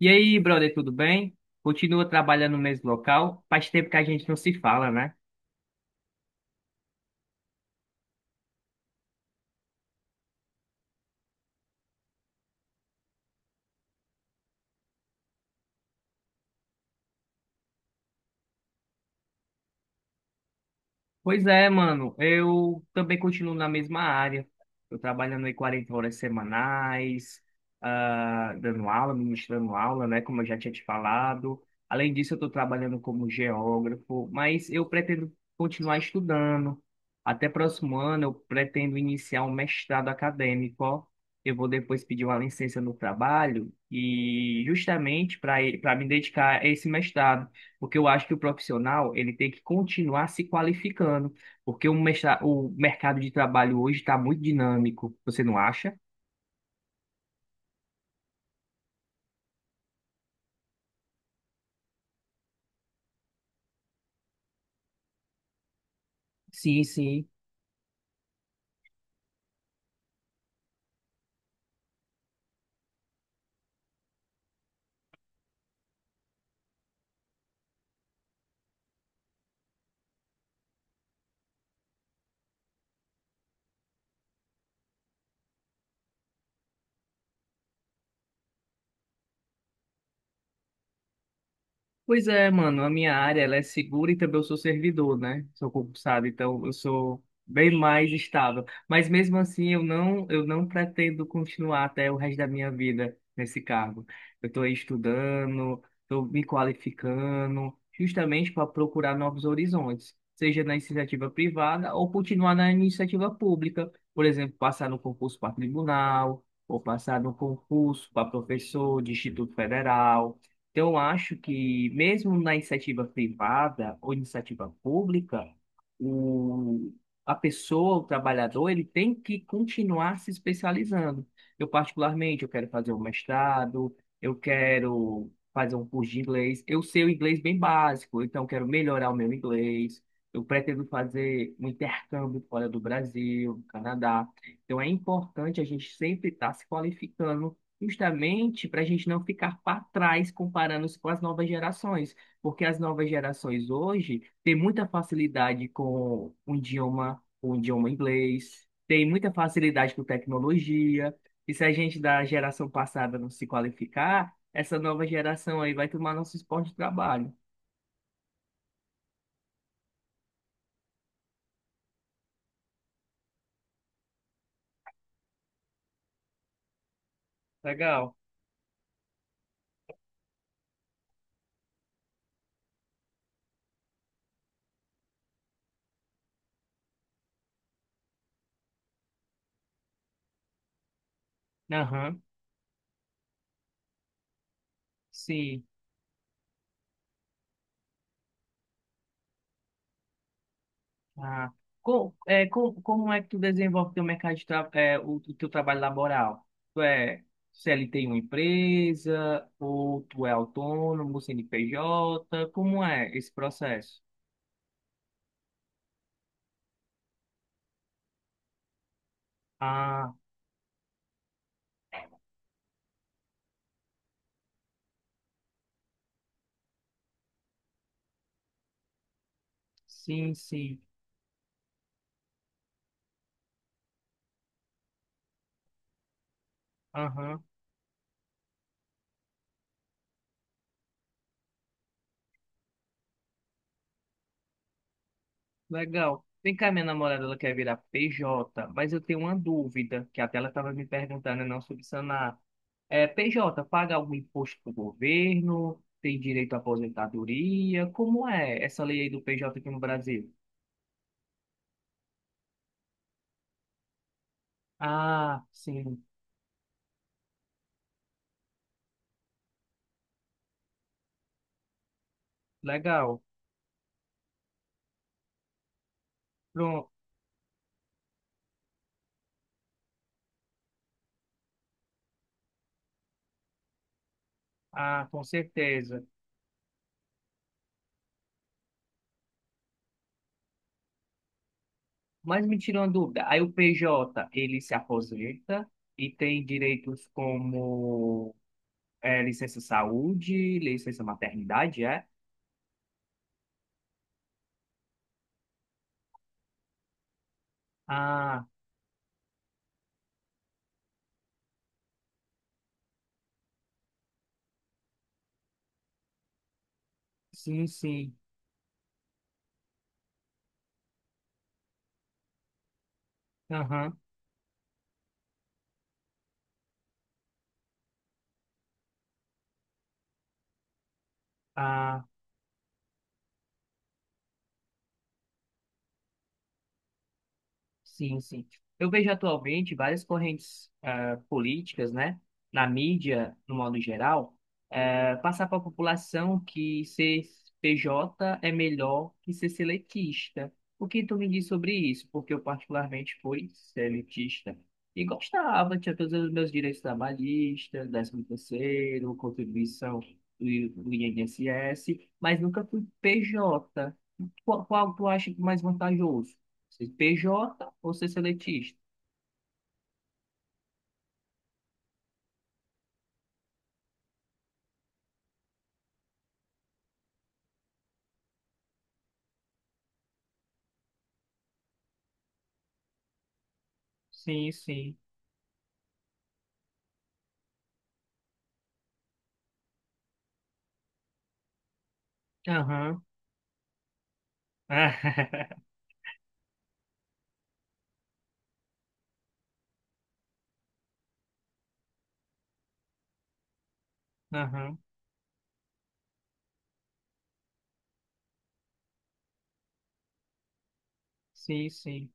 E aí, brother, tudo bem? Continua trabalhando no mesmo local? Faz tempo que a gente não se fala, né? Pois é, mano. Eu também continuo na mesma área. Eu trabalhando aí 40 horas semanais, dando aula, ministrando aula, né? Como eu já tinha te falado. Além disso, eu estou trabalhando como geógrafo, mas eu pretendo continuar estudando. Até próximo ano, eu pretendo iniciar um mestrado acadêmico. Ó. Eu vou depois pedir uma licença no trabalho e justamente para me dedicar a esse mestrado. Porque eu acho que o profissional ele tem que continuar se qualificando, porque o mercado de trabalho hoje está muito dinâmico, você não acha? Sim, sim. Pois é, mano, a minha área ela é segura e também eu sou servidor, né? Sou concursado, então eu sou bem mais estável. Mas mesmo assim, eu não pretendo continuar até o resto da minha vida nesse cargo. Eu estou estudando, estou me qualificando, justamente para procurar novos horizontes, seja na iniciativa privada ou continuar na iniciativa pública. Por exemplo, passar no concurso para tribunal, ou passar no concurso para professor de Instituto Federal. Então, eu acho que mesmo na iniciativa privada ou iniciativa pública, o, a pessoa, o trabalhador, ele tem que continuar se especializando. Eu, particularmente, eu quero fazer um mestrado, eu quero fazer um curso de inglês. Eu sei o inglês bem básico, então eu quero melhorar o meu inglês. Eu pretendo fazer um intercâmbio fora do Brasil, do Canadá. Então, é importante a gente sempre estar se qualificando justamente para a gente não ficar para trás comparando-se com as novas gerações, porque as novas gerações hoje têm muita facilidade com o idioma inglês, têm muita facilidade com tecnologia, e se a gente da geração passada não se qualificar, essa nova geração aí vai tomar nosso esporte de trabalho. Legal. Aham, sim. Ah, como é que tu desenvolve teu mercado de o teu trabalho laboral? Tu é CLT em uma empresa ou tu é autônomo, CNPJ? Como é esse processo? Ah, sim, sim. Aham. Legal. Vem cá, minha namorada, ela quer virar PJ, mas eu tenho uma dúvida, que até ela estava me perguntando, e não sobre sanar. É, PJ, paga algum imposto para o governo? Tem direito à aposentadoria? Como é essa lei aí do PJ aqui no Brasil? Ah, sim. Legal. Pronto. Ah, com certeza. Mas me tirou uma dúvida. Aí o PJ, ele se aposenta e tem direitos como licença saúde, licença maternidade, é? Ah, sim, sim. Aham. Ah, sim, sim. Eu vejo atualmente várias correntes políticas, né, na mídia, no modo geral, passar para a população que ser PJ é melhor que ser seletista. O que tu me diz sobre isso? Porque eu particularmente fui seletista e gostava, tinha todos os meus direitos trabalhistas, 13º, contribuição do INSS, mas nunca fui PJ. Qual tu acha que é mais vantajoso? Se PJ ou ser seletista? Sim, sim. Aham. Aham. Sim, sim.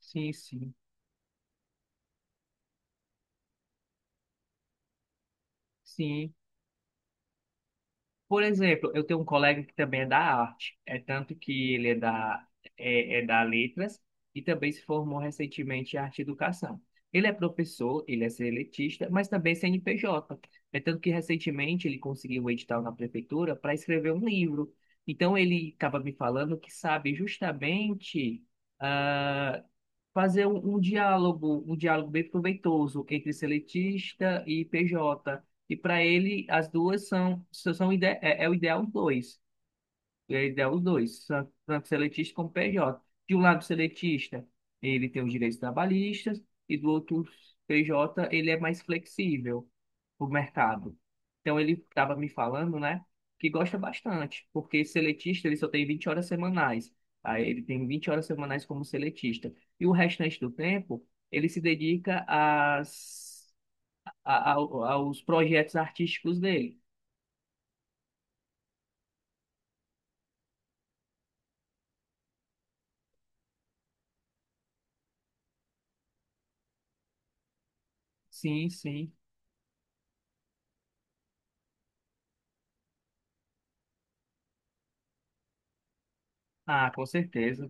Sim, sim. Sim. Por exemplo, eu tenho um colega que também é da arte, é tanto que ele é da letras e também se formou recentemente em arte e educação. Ele é professor, ele é seletista, mas também CNPJ. É tanto que recentemente ele conseguiu um edital na prefeitura para escrever um livro. Então ele estava me falando que sabe justamente ah, fazer um diálogo, um diálogo bem proveitoso entre seletista e PJ. E para ele, as duas são, são são ide é, é o ideal os dois. É o ideal os dois, tanto seletista como PJ. De um lado, o seletista, ele tem os direitos trabalhistas, e do outro, o PJ, ele é mais flexível para o mercado. Então, ele estava me falando, né, que gosta bastante, porque seletista, ele só tem 20 horas semanais. Aí, ele tem 20 horas semanais como seletista. E o restante do tempo, ele se dedica às aos projetos artísticos dele. Sim, sim. Ah, com certeza.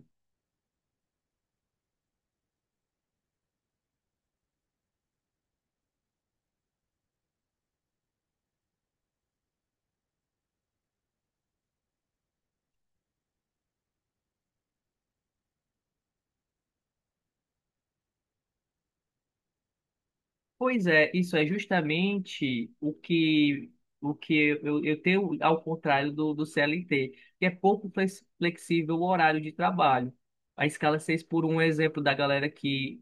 Pois é, isso é justamente o que eu tenho ao contrário do CLT, que é pouco flexível o horário de trabalho. A escala 6x1 é um exemplo da galera que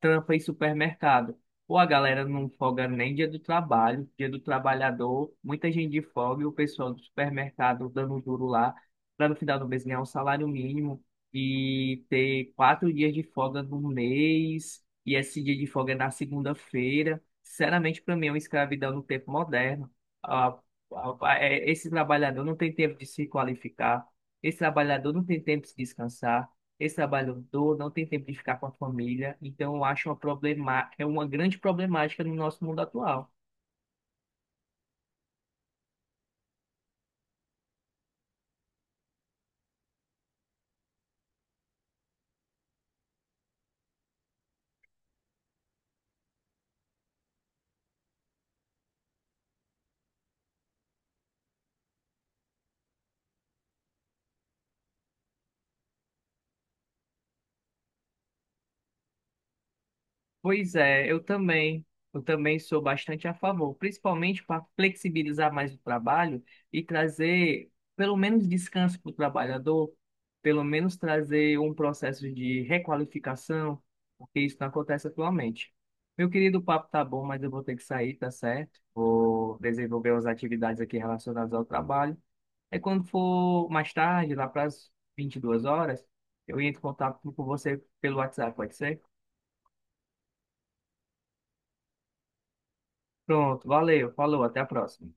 trampa em supermercado. Pô, a galera não folga nem dia do trabalho, dia do trabalhador, muita gente de folga e o pessoal do supermercado dando duro lá, para no final do mês ganhar um salário mínimo e ter 4 dias de folga no mês, e esse dia de folga é na segunda-feira. Sinceramente, para mim é uma escravidão no tempo moderno. Ah, Esse trabalhador não tem tempo de se qualificar, esse trabalhador não tem tempo de descansar esse trabalho todo, não tem tempo de ficar com a família, então eu acho uma problema, é uma grande problemática no nosso mundo atual. Pois é, eu também sou bastante a favor, principalmente para flexibilizar mais o trabalho e trazer pelo menos descanso para o trabalhador, pelo menos trazer um processo de requalificação, porque isso não acontece atualmente. Meu querido, o papo tá bom, mas eu vou ter que sair, tá certo? Vou desenvolver as atividades aqui relacionadas ao trabalho. Aí quando for mais tarde, lá para as 22 horas, eu entro em contato com você pelo WhatsApp, pode ser? Pronto, valeu, falou, até a próxima.